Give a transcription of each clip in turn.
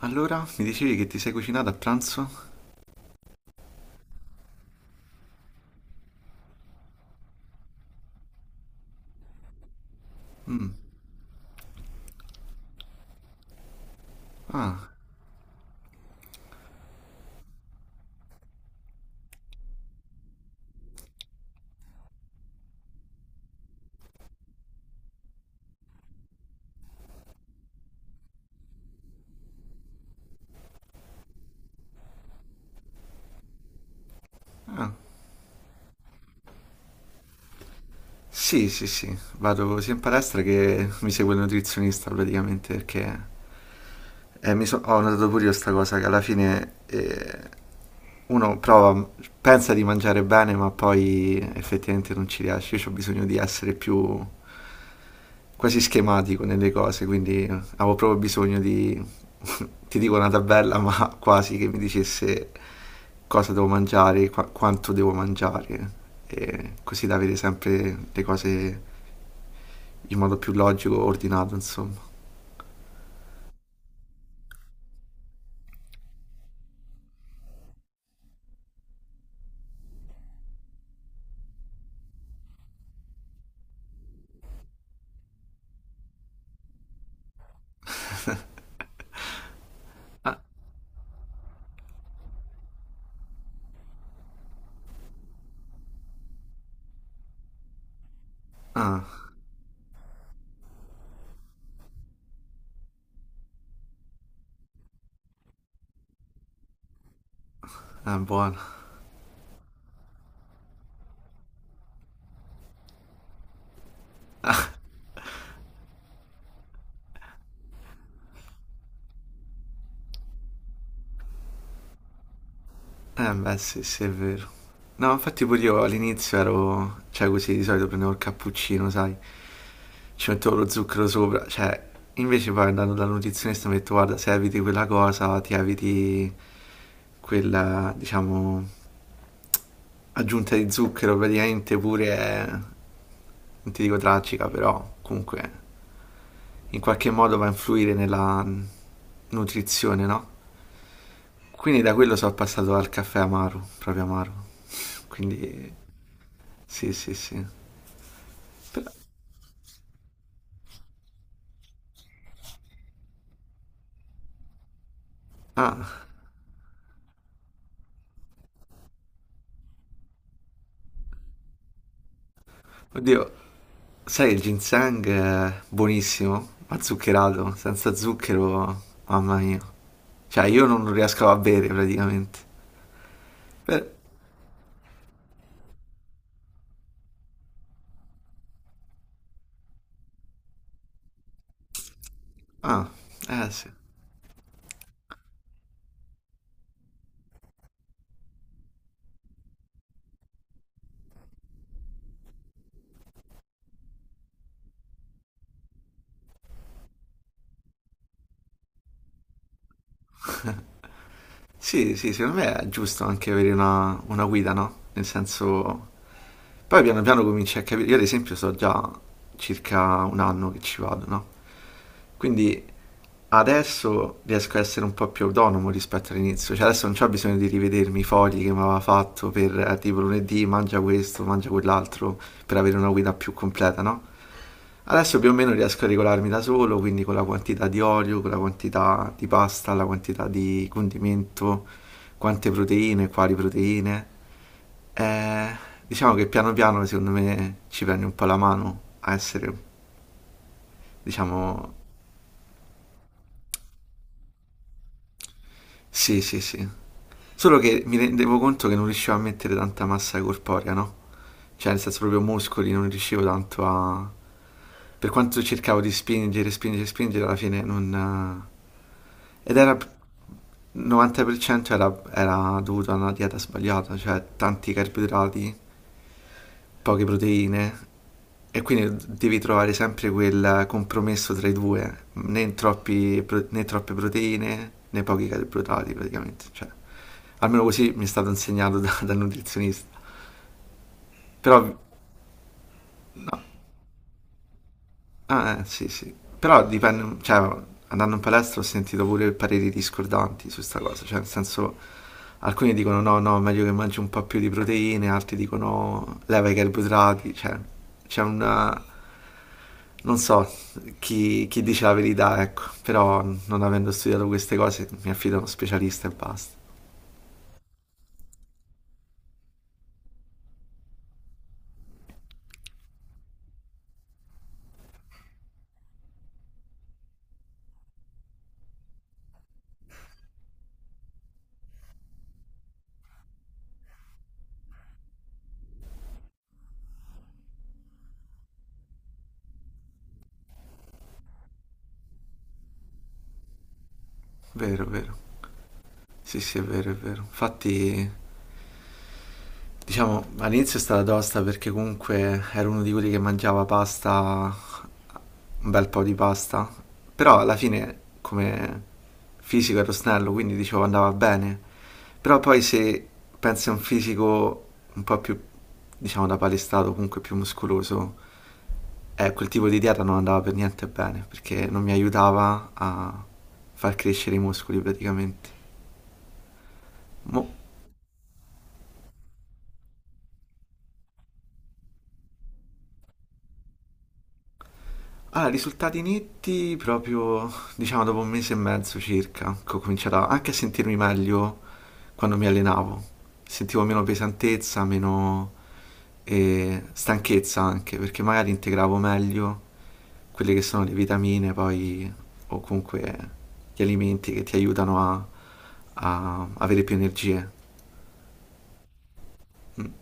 Allora, mi dicevi che ti sei cucinato a pranzo? Ah, ah, sì, sì, sì, vado sia in palestra che mi segue il nutrizionista praticamente perché ho notato pure io sta cosa che alla fine uno prova, pensa di mangiare bene, ma poi effettivamente non ci riesce. Io ho bisogno di essere più quasi schematico nelle cose, quindi avevo proprio bisogno di, ti dico una tabella, ma quasi che mi dicesse cosa devo mangiare, quanto devo mangiare, e così da avere sempre le cose in modo più logico, ordinato, insomma. Ah, ah, è buono. Eh beh sì, sì, è vero. No, infatti pure io all'inizio ero, cioè così di solito prendevo il cappuccino, sai, ci mettevo lo zucchero sopra, cioè invece poi andando dal nutrizionista mi ha detto guarda, se eviti quella cosa, ti eviti quella, diciamo, aggiunta di zucchero, praticamente pure, non ti dico tragica, però comunque in qualche modo va a influire nella nutrizione, no? Quindi da quello sono passato al caffè amaro, proprio amaro. Quindi sì, sì, sì. Però ah, oddio, sai il ginseng è buonissimo, ma zuccherato, senza zucchero, mamma mia. Cioè io non lo riesco a bere praticamente. Per- ah, eh sì. Sì, sì, secondo me è giusto anche avere una guida, no? Nel senso poi piano piano cominci a capire, io ad esempio so già circa un anno che ci vado, no? Quindi adesso riesco a essere un po' più autonomo rispetto all'inizio, cioè adesso non c'ho bisogno di rivedermi i fogli che mi aveva fatto per tipo lunedì mangia questo, mangia quell'altro, per avere una guida più completa, no? Adesso più o meno riesco a regolarmi da solo, quindi con la quantità di olio, con la quantità di pasta, la quantità di condimento, quante proteine, quali proteine. Eh, diciamo che piano piano secondo me ci prendi un po' la mano a essere, diciamo, sì, sì, sì. Solo che mi rendevo conto che non riuscivo a mettere tanta massa corporea, no? Cioè, nel senso proprio muscoli, non riuscivo tanto a... Per quanto cercavo di spingere, spingere, spingere, alla fine non... Ed era... 90% era, era dovuto a una dieta sbagliata, cioè tanti carboidrati, poche proteine e quindi devi trovare sempre quel compromesso tra i due, né, né troppe proteine né pochi carboidrati praticamente, cioè, almeno così mi è stato insegnato dal nutrizionista, però no, ah, sì, sì. Però dipende, cioè, andando in palestra ho sentito pure pareri discordanti su sta cosa, cioè, nel senso, alcuni dicono no, no, meglio che mangi un po' più di proteine, altri dicono leva i carboidrati, cioè, c'è una... Non so chi, chi dice la verità, ecco, però non avendo studiato queste cose mi affido a uno specialista e basta. Vero, vero. Sì, sì, è vero, è vero. Infatti diciamo, all'inizio è stata tosta perché comunque ero uno di quelli che mangiava pasta, un bel po' di pasta, però alla fine come fisico ero snello, quindi dicevo andava bene. Però poi se pensi a un fisico un po' più, diciamo, da palestrato, comunque più muscoloso, quel tipo di dieta non andava per niente bene, perché non mi aiutava a far crescere i muscoli praticamente. Mo- Allora, risultati netti proprio, diciamo, dopo un mese e mezzo circa, che ho cominciato anche a sentirmi meglio quando mi allenavo. Sentivo meno pesantezza, meno stanchezza anche, perché magari integravo meglio quelle che sono le vitamine, poi, o comunque gli alimenti che ti aiutano a, a avere più energie. Mm.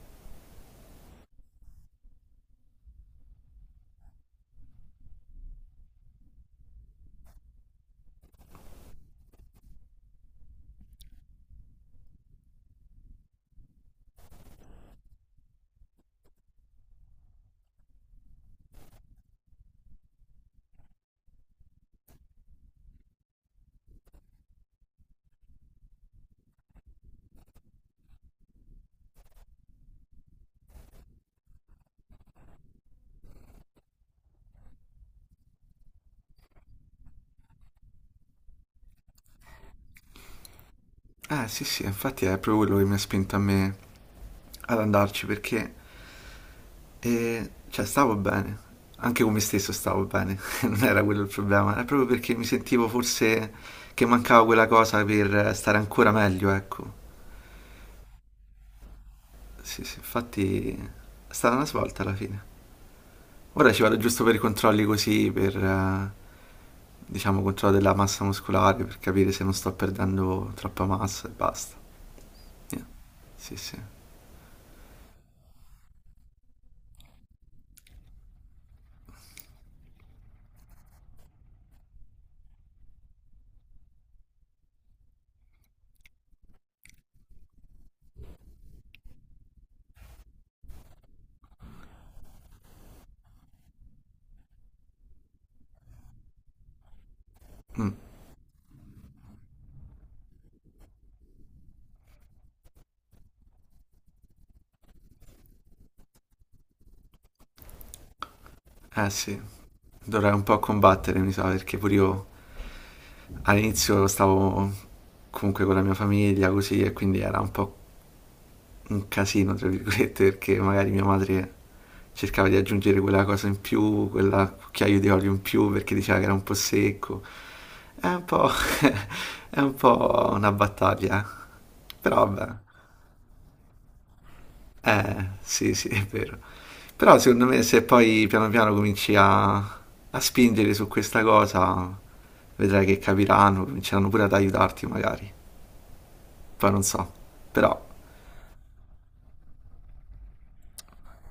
Eh sì sì, infatti è proprio quello che mi ha spinto a me ad andarci, perché e cioè stavo bene, anche con me stesso stavo bene, non era quello il problema, è proprio perché mi sentivo forse che mancava quella cosa per stare ancora meglio, ecco. Sì, sì, infatti è stata una svolta alla fine. Ora ci vado giusto per i controlli così, per diciamo controllo della massa muscolare, per capire se non sto perdendo troppa massa e basta. Yeah. Sì, sì. Mm, eh sì, dovrei un po' combattere, mi sa, perché pure io all'inizio stavo comunque con la mia famiglia così e quindi era un po' un casino, tra virgolette, perché magari mia madre cercava di aggiungere quella cosa in più, quella cucchiaio di olio in più perché diceva che era un po' secco. È un po', è un po' una battaglia, eh. Però vabbè, sì, sì, è vero. Però secondo me se poi piano piano cominci a, a spingere su questa cosa, vedrai che capiranno, cominceranno pure ad aiutarti magari. Poi non so, però,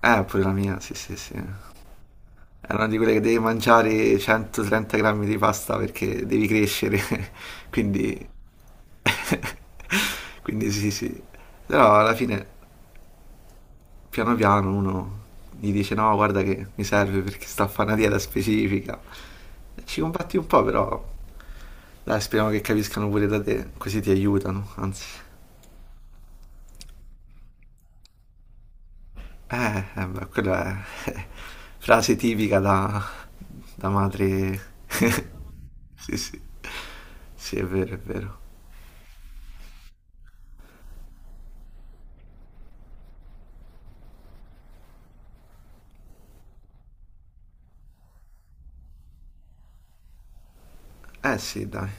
pure la mia, sì, sì, sì. È una di quelle che devi mangiare 130 grammi di pasta perché devi crescere, quindi, quindi sì, sì. Però alla fine, piano piano, uno gli dice no, guarda che mi serve perché sto a fare una dieta specifica. Ci combatti un po', però, dai, speriamo che capiscano pure da te, così ti aiutano, anzi. Beh, quella è frase tipica da, da madre. Sì, sì. Sì, è vero, è vero. Eh sì, dai.